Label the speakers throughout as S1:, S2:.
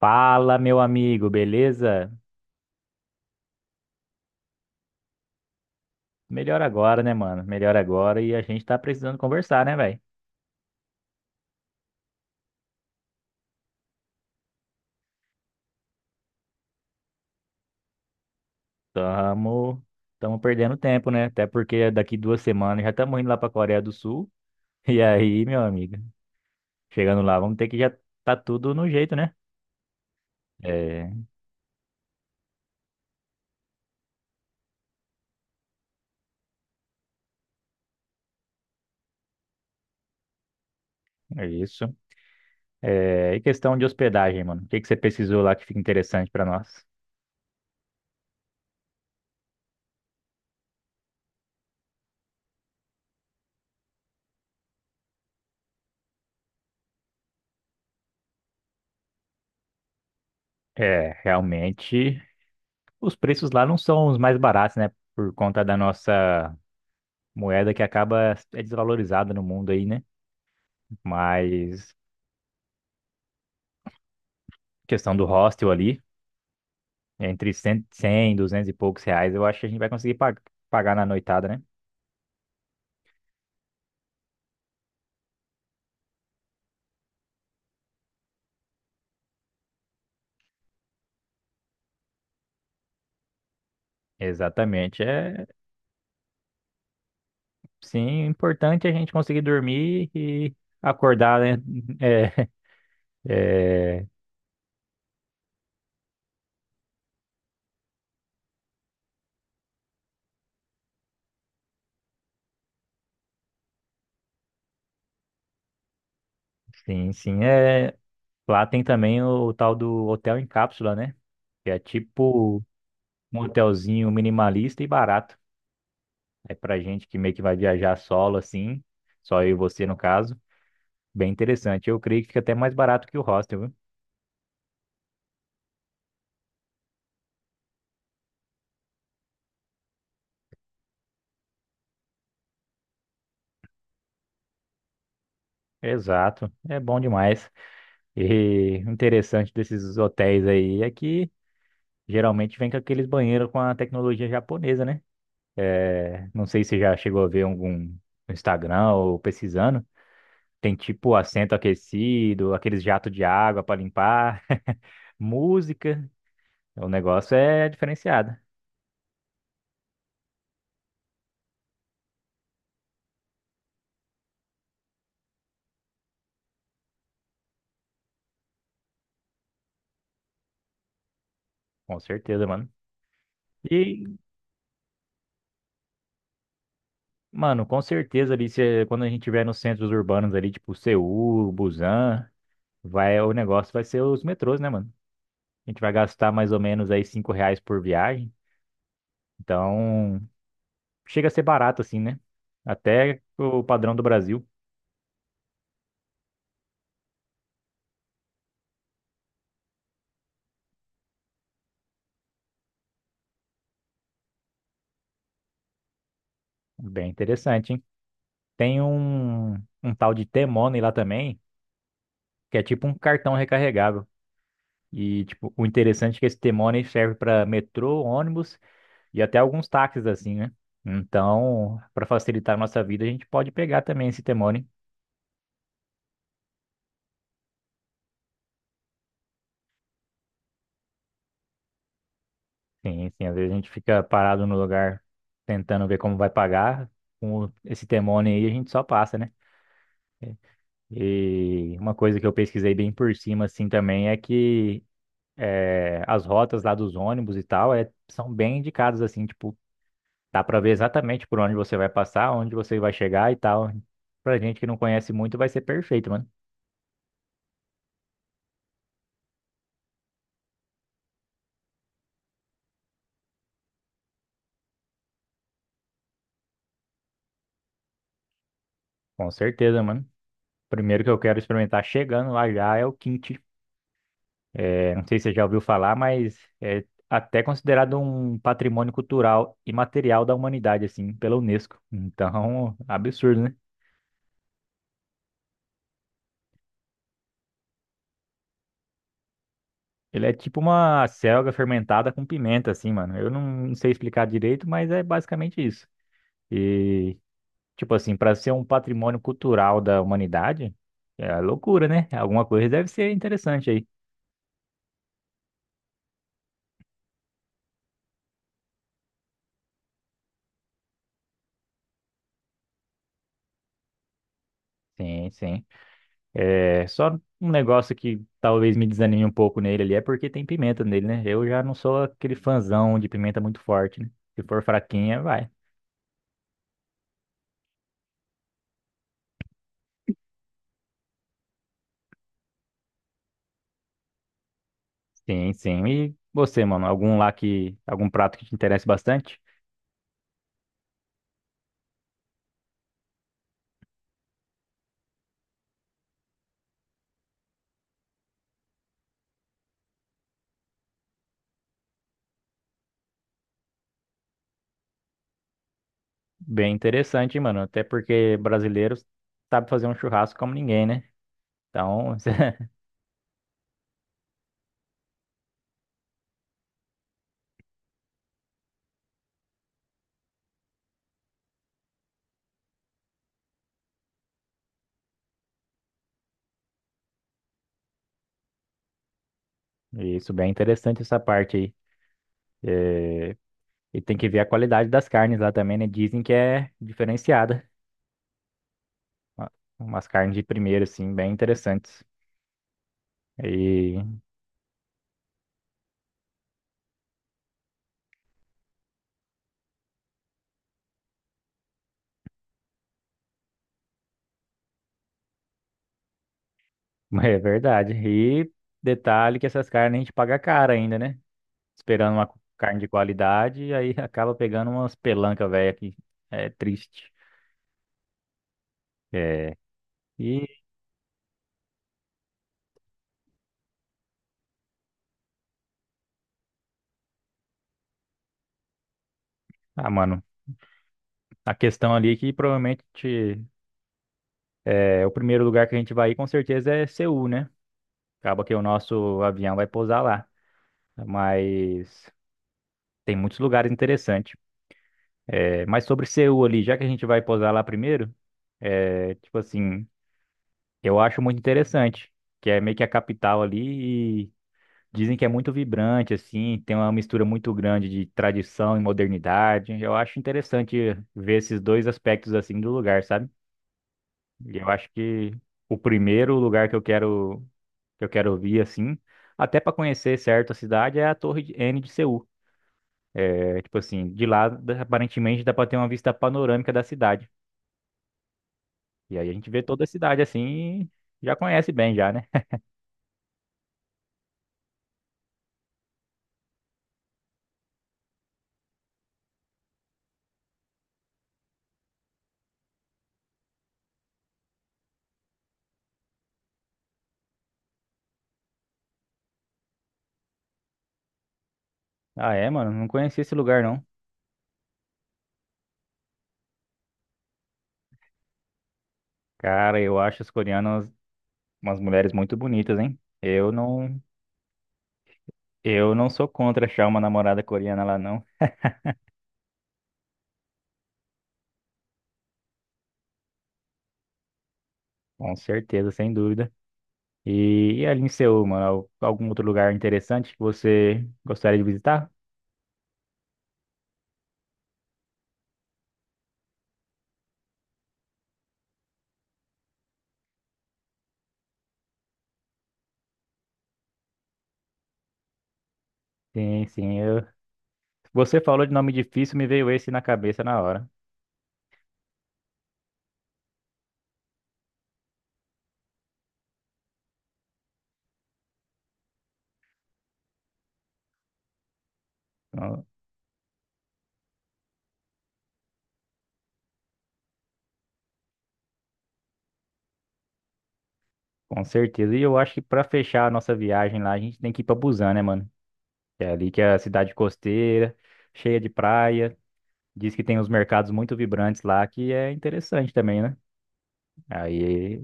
S1: Fala, meu amigo, beleza? Melhor agora, né, mano? Melhor agora e a gente tá precisando conversar, né, velho? Tamo, tamo perdendo tempo, né? Até porque daqui 2 semanas já estamos indo lá pra Coreia do Sul. E aí, meu amigo, chegando lá, vamos ter que já tá tudo no jeito, né? É, é isso. É, e questão de hospedagem, mano. O que que você pesquisou lá que fica interessante pra nós? É, realmente, os preços lá não são os mais baratos, né? Por conta da nossa moeda que acaba é desvalorizada no mundo aí, né? Mas questão do hostel ali, entre 100, 100, 200 e poucos reais, eu acho que a gente vai conseguir pagar na noitada, né? Exatamente. É, sim, importante a gente conseguir dormir e acordar, né? É, é, sim, sim. É, lá tem também tal do hotel em cápsula, né? Que é tipo um hotelzinho minimalista e barato. É pra gente que meio que vai viajar solo assim, só eu e você no caso. Bem interessante. Eu creio que fica até mais barato que o hostel, viu? Exato. É bom demais. E o interessante desses hotéis aí é que geralmente vem com aqueles banheiros com a tecnologia japonesa, né? Não sei se você já chegou a ver algum no Instagram ou pesquisando. Tem tipo assento aquecido, aqueles jatos de água para limpar, música. O negócio é diferenciado. Com certeza, mano. E, mano, com certeza ali, se, quando a gente estiver nos centros urbanos ali, tipo Seul, Busan, vai, o negócio vai ser os metrôs, né, mano? A gente vai gastar mais ou menos aí 5 reais por viagem. Então, chega a ser barato assim, né? Até o padrão do Brasil. Bem interessante, hein? Tem um, um tal de T-Money lá também, que é tipo um cartão recarregável. E, tipo, o interessante é que esse T-Money serve para metrô, ônibus e até alguns táxis, assim, né? Então, para facilitar a nossa vida, a gente pode pegar também esse t. Sim, sim. Às vezes a gente fica parado no lugar tentando ver como vai pagar. Com esse demônio aí, a gente só passa, né? E uma coisa que eu pesquisei bem por cima, assim, também é que as rotas lá dos ônibus e tal é, são bem indicadas, assim, tipo, dá pra ver exatamente por onde você vai passar, onde você vai chegar e tal. Pra gente que não conhece muito, vai ser perfeito, mano. Com certeza, mano. Primeiro que eu quero experimentar chegando lá já é o quinto. Eu não sei se você já ouviu falar, mas é até considerado um patrimônio cultural imaterial da humanidade, assim, pela Unesco. Então, absurdo, né? Ele é tipo uma selga fermentada com pimenta, assim, mano. Eu não sei explicar direito, mas é basicamente isso. E, tipo assim, para ser um patrimônio cultural da humanidade, é loucura, né? Alguma coisa deve ser interessante aí. Sim, sim. É, só um negócio que talvez me desanime um pouco nele ali é porque tem pimenta nele, né? Eu já não sou aquele fãzão de pimenta muito forte, né? Se for fraquinha, vai. Sim, sim. E você, mano, algum lá que, algum prato que te interessa bastante? Bem interessante, hein, mano. Até porque brasileiros sabe fazer um churrasco como ninguém, né? Então, isso, bem interessante essa parte aí. É, e tem que ver a qualidade das carnes lá também, né? Dizem que é diferenciada. Uma- Umas carnes de primeiro, assim, bem interessantes. E é verdade. E detalhe que essas carnes a gente paga caro ainda, né? Esperando uma carne de qualidade, e aí acaba pegando umas pelancas velha que é triste. É. E, ah, mano, a questão ali é que provavelmente o primeiro lugar que a gente vai ir com certeza é Seul, né? Acaba que o nosso avião vai pousar lá. Mas tem muitos lugares interessantes. É, mas sobre Seul ali, já que a gente vai pousar lá primeiro, é, tipo assim. Eu acho muito interessante, que é meio que a capital ali e dizem que é muito vibrante, assim, tem uma mistura muito grande de tradição e modernidade. Eu acho interessante ver esses dois aspectos assim do lugar, sabe? E eu acho que o primeiro lugar que eu quero vir assim, até para conhecer certo a cidade é a N de Seul. É tipo assim, aparentemente dá para ter uma vista panorâmica da cidade. E aí a gente vê toda a cidade assim, e já conhece bem já, né? Ah, é, mano, não conhecia esse lugar não. Cara, eu acho as coreanas umas mulheres muito bonitas, hein? Eu não sou contra achar uma namorada coreana lá, não. Com certeza, sem dúvida. E ali em Seul, mano, algum outro lugar interessante que você gostaria de visitar? Sim, sim. Eu... Você falou de nome difícil, me veio esse na cabeça na hora. Então, com certeza. E eu acho que pra fechar a nossa viagem lá, a gente tem que ir pra Busan, né, mano? Que é ali que é a cidade costeira, cheia de praia. Diz que tem uns mercados muito vibrantes lá que é interessante também, né? Aí,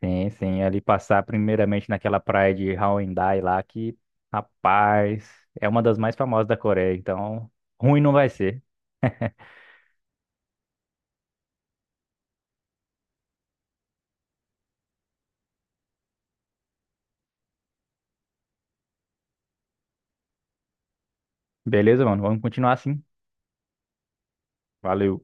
S1: sim, sim, ali passar primeiramente naquela praia de Haeundae lá que, rapaz, é uma das mais famosas da Coreia, então ruim não vai ser. Beleza, mano? Vamos continuar assim. Valeu.